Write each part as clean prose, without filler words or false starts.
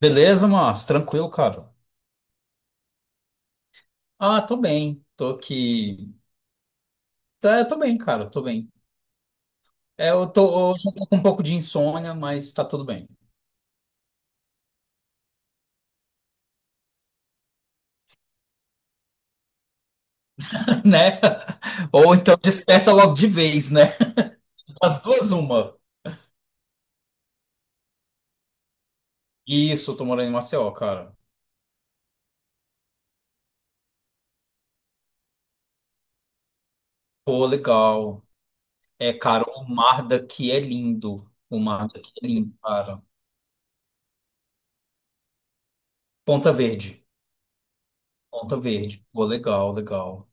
Beleza, mas tranquilo, cara. Ah, tô bem. Tô aqui. Tá, eu tô bem, cara. Tô bem. É, eu tô, hoje eu tô com um pouco de insônia, mas tá tudo bem, né? Ou então desperta logo de vez, né? As duas, uma. Isso, eu tô morando em Maceió, cara. Pô, legal. É, cara, o mar daqui é lindo. O mar daqui é lindo, cara. Ponta Verde. Ponta Verde. Pô, legal, legal.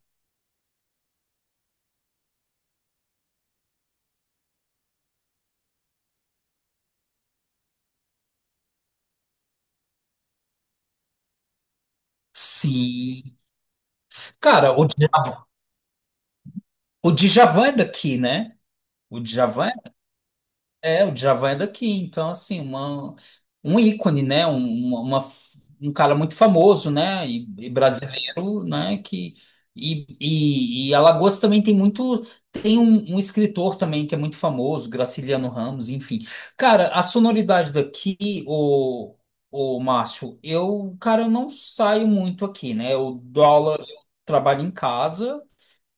Sim. Cara, o Djavan é daqui, né? O Djavan é, o Djavan é daqui, então assim, uma, um ícone, né? Um, uma, um cara muito famoso, né? E brasileiro, né? Que, e Alagoas também tem muito, tem um, um escritor também que é muito famoso, Graciliano Ramos, enfim. Cara, a sonoridade daqui, o, o Márcio, eu, cara, eu não saio muito aqui, né? Eu dou aula, eu trabalho em casa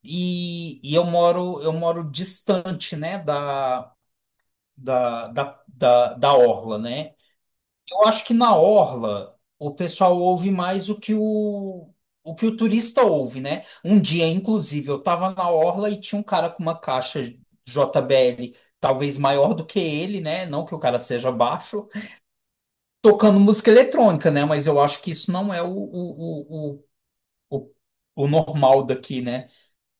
e eu moro distante, né? Da da orla, né? Eu acho que na orla o pessoal ouve mais o que o que o turista ouve, né? Um dia, inclusive, eu estava na orla e tinha um cara com uma caixa JBL, talvez maior do que ele, né? Não que o cara seja baixo, tocando música eletrônica, né? Mas eu acho que isso não é o o normal daqui, né?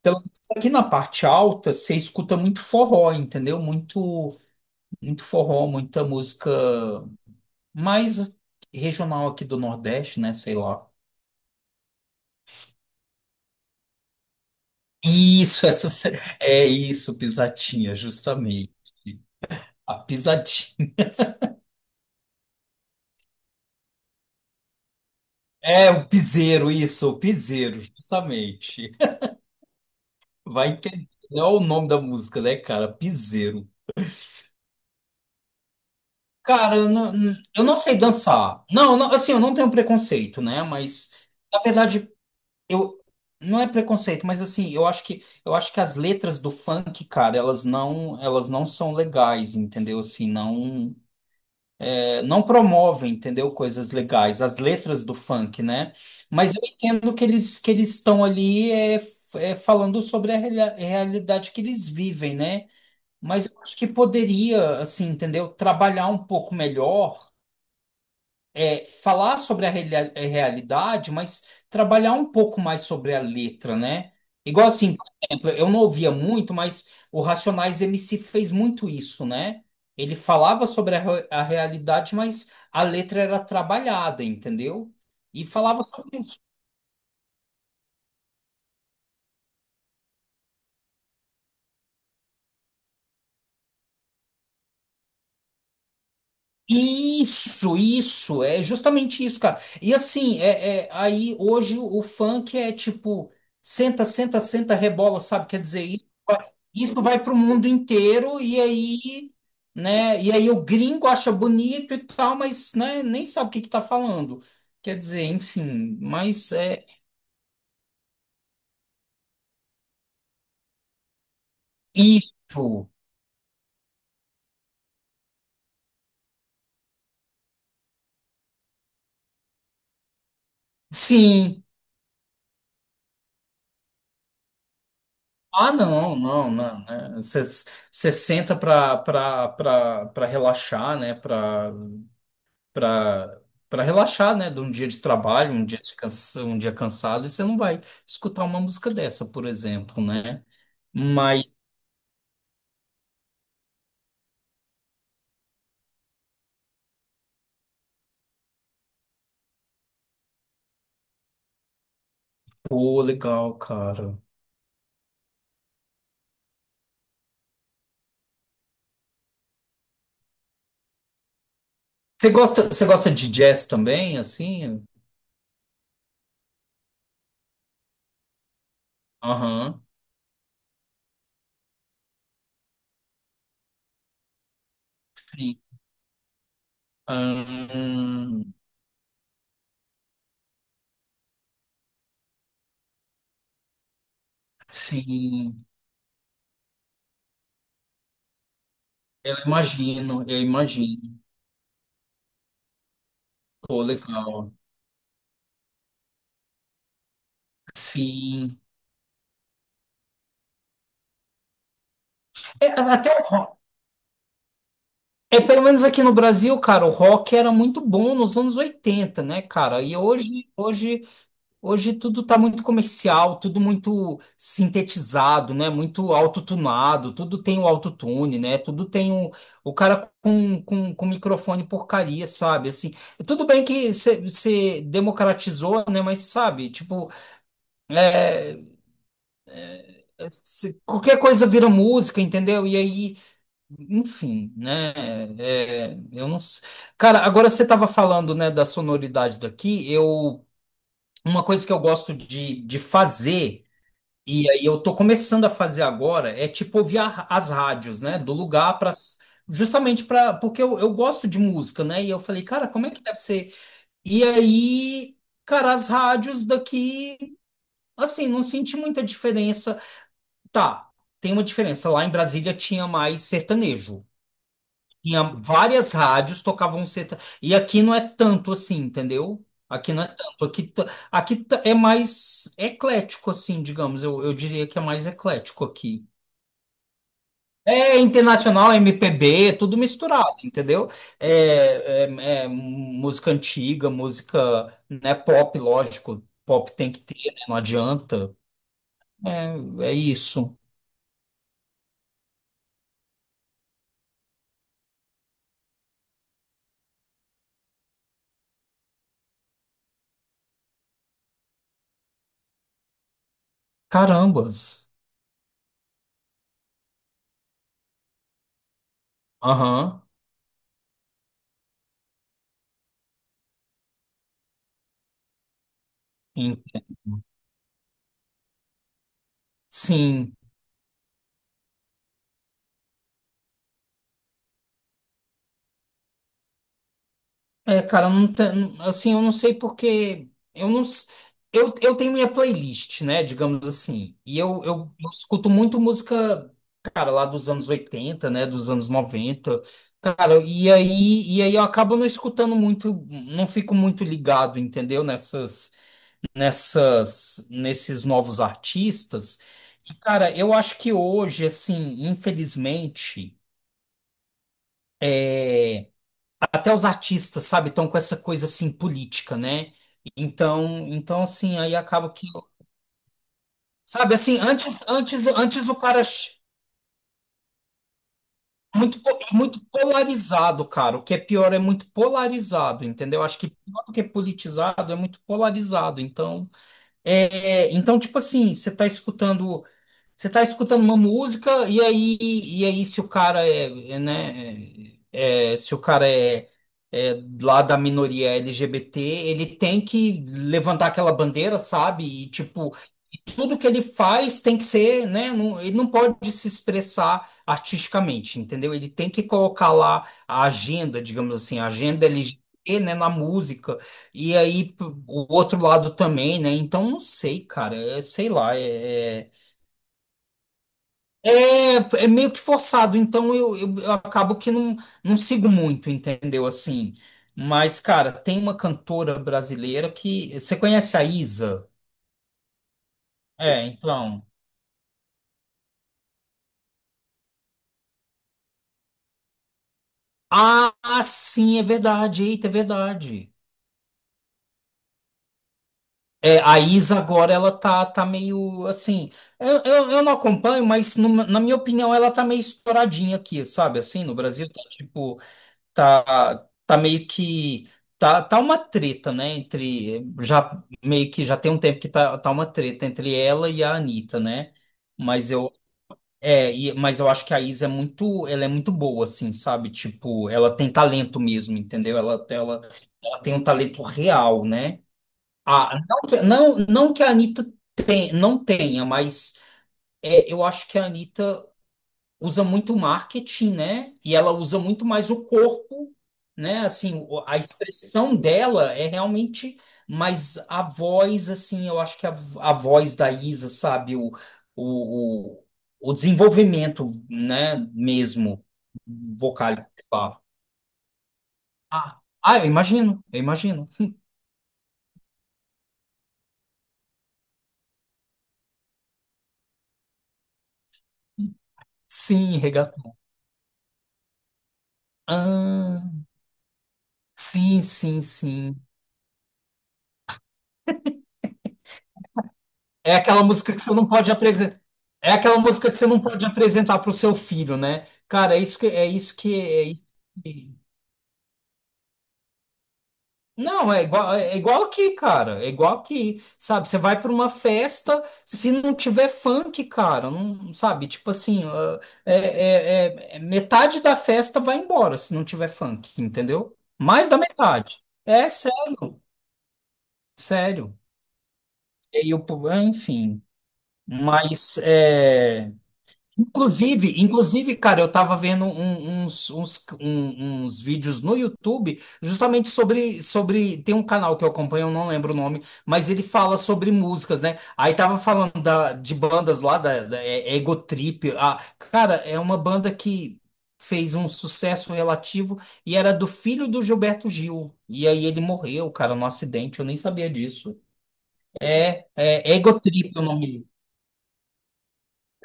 Pelo menos aqui na parte alta, você escuta muito forró, entendeu? Muito, muito forró, muita música mais regional aqui do Nordeste, né? Sei lá. Isso, é isso, pisatinha, justamente. A pisatinha. É o piseiro, isso, o piseiro, justamente. Vai entender. Olha o nome da música, né, cara? Piseiro. Cara, eu não sei dançar. Não, não, assim, eu não tenho preconceito, né? Mas, na verdade, eu não é preconceito, mas assim, eu acho que as letras do funk, cara, elas não são legais, entendeu? Assim, não é, não promovem, entendeu? Coisas legais, as letras do funk, né? Mas eu entendo que eles estão ali falando sobre a realidade que eles vivem, né? Mas eu acho que poderia, assim, entendeu? Trabalhar um pouco melhor é, falar sobre a realidade, mas trabalhar um pouco mais sobre a letra, né? Igual assim, por exemplo, eu não ouvia muito, mas o Racionais MC fez muito isso, né? Ele falava sobre a realidade, mas a letra era trabalhada, entendeu? E falava sobre, isso, é justamente isso, cara. E assim, aí hoje o funk é tipo, senta, senta, senta, rebola, sabe? Quer dizer, isso vai pro mundo inteiro e aí, né? E aí o gringo acha bonito e tal, mas né, nem sabe o que que tá falando. Quer dizer, enfim, mas é isso, sim. Ah, não, não, não, né? Você senta para relaxar, né? Para para relaxar, né, de um dia de trabalho, um dia de cansa, um dia cansado, e você não vai escutar uma música dessa, por exemplo, né? Mas, pô, legal, cara. Você gosta de jazz também, assim? Aham. Sim. Ahn, sim. Eu imagino, eu imagino. Pô, legal. Sim. É, até o rock. É, pelo menos aqui no Brasil, cara, o rock era muito bom nos anos 80 né, cara? E hoje tudo está muito comercial, tudo muito sintetizado, né? Muito autotunado, tudo tem o autotune, né? Tudo tem o cara com, com microfone porcaria, sabe? Assim, tudo bem que você democratizou, né? Mas sabe, tipo, qualquer coisa vira música, entendeu? E aí, enfim, né? É, eu não. Cara, agora você estava falando, né, da sonoridade daqui, eu. Uma coisa que eu gosto de fazer. E aí eu tô começando a fazer agora, é tipo ouvir as rádios, né, do lugar para justamente para porque eu gosto de música, né? E eu falei, cara, como é que deve ser? E aí, cara, as rádios daqui, assim, não senti muita diferença. Tá, tem uma diferença. Lá em Brasília tinha mais sertanejo. Tinha várias rádios tocavam sertanejo. E aqui não é tanto assim, entendeu? Aqui não é tanto. Aqui é mais eclético, assim, digamos. Eu diria que é mais eclético aqui. É internacional, MPB, é tudo misturado, entendeu? É, é música antiga, música, né, pop, lógico. Pop tem que ter, né? Não adianta. É, é isso. Carambas. Aham. Ent- Sim. É, cara, não tem- assim, eu não sei porque eu não s- eu tenho minha playlist, né, digamos assim. E eu escuto muito música, cara, lá dos anos 80, né, dos anos noventa. Cara, e aí eu acabo não escutando muito, não fico muito ligado, entendeu, nessas nessas nesses novos artistas. E, cara, eu acho que hoje, assim, infelizmente é, até os artistas, sabe, estão com essa coisa assim política, né? Então assim, aí acaba que, sabe, assim, antes o cara muito é muito polarizado, cara. O que é pior é muito polarizado, entendeu? Acho que pior do que politizado é muito polarizado. Então, então tipo assim, você tá escutando uma música e aí se o cara se o cara é lá da minoria LGBT, ele tem que levantar aquela bandeira, sabe? E tipo, e tudo que ele faz tem que ser, né? Não, ele não pode se expressar artisticamente, entendeu? Ele tem que colocar lá a agenda, digamos assim, a agenda LGBT, né, na música. E aí o outro lado também, né? Então não sei, cara, é, sei lá, é, é meio que forçado, então eu acabo que não, não sigo muito, entendeu? Assim, mas, cara, tem uma cantora brasileira que. Você conhece a Isa? É, então. Ah, sim, é verdade, eita, é verdade. É, a Isa agora ela tá, tá meio assim. Eu não acompanho, mas na minha opinião ela tá meio estouradinha aqui, sabe? Assim, no Brasil tá tipo. Tá, tá meio que tá, tá uma treta, né, entre já meio que já tem um tempo que tá, tá uma treta entre ela e a Anitta, né? Mas eu mas eu acho que a Isa é muito, ela é muito boa assim, sabe? Tipo, ela tem talento mesmo, entendeu? Ela, ela tem um talento real, né? Ah, não que, não, não que a Anitta tem, não tenha, mas é, eu acho que a Anitta usa muito marketing, né? E ela usa muito mais o corpo, né? Assim, a expressão dela é realmente, mas a voz, assim, eu acho que a voz da Isa, sabe? O, o, o desenvolvimento, né? Mesmo vocálico. Tá? Ah, ah, eu imagino, eu imagino. Sim, regatão. Ah, sim, sim, sim. É aquela música que você não pode apresentar. É aquela música que você não pode apresentar para o seu filho, né? Cara, é isso que é que- Não, é igual, é igual aqui, cara. É igual aqui, sabe? Você vai para uma festa, se não tiver funk, cara, não sabe? Tipo assim, metade da festa vai embora se não tiver funk, entendeu? Mais da metade. É sério, sério. Enfim, mas é. Inclusive, inclusive, cara, eu tava vendo uns vídeos no YouTube justamente sobre, sobre. Tem um canal que eu acompanho, eu não lembro o nome, mas ele fala sobre músicas, né? Aí tava falando de bandas lá, da Ego Trip. Ah, cara, é uma banda que fez um sucesso relativo e era do filho do Gilberto Gil. E aí ele morreu, cara, num acidente, eu nem sabia disso. É Ego Trip é o nome.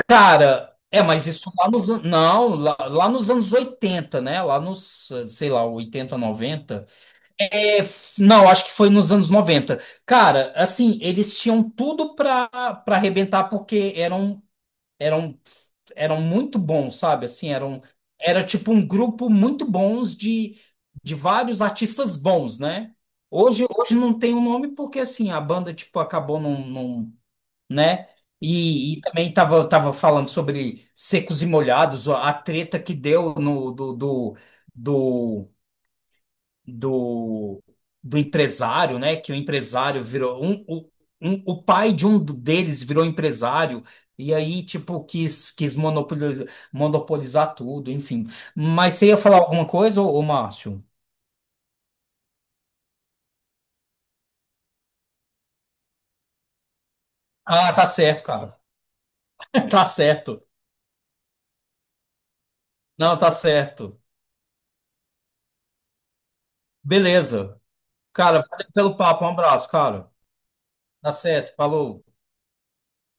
Cara, é, mas isso lá nos, não, lá nos anos 80 né? Lá nos, sei lá, 80, 90. É, não, acho que foi nos anos noventa. Cara, assim, eles tinham tudo pra, pra arrebentar porque eram, eram muito bons, sabe? Assim, eram, era tipo um grupo muito bons de vários artistas bons, né? Hoje não tem o nome porque, assim, a banda, tipo, acabou não, não, né? E também tava, tava falando sobre secos e molhados, ó, a treta que deu no do, do, do empresário, né? Que o empresário virou um, o- um, o pai de um deles virou empresário e aí tipo quis monopolizar, monopolizar tudo, enfim. Mas você ia falar alguma coisa, ô Márcio? Ah, tá certo, cara. Tá certo. Não, tá certo. Beleza. Cara, valeu pelo papo. Um abraço, cara. Tá certo, falou.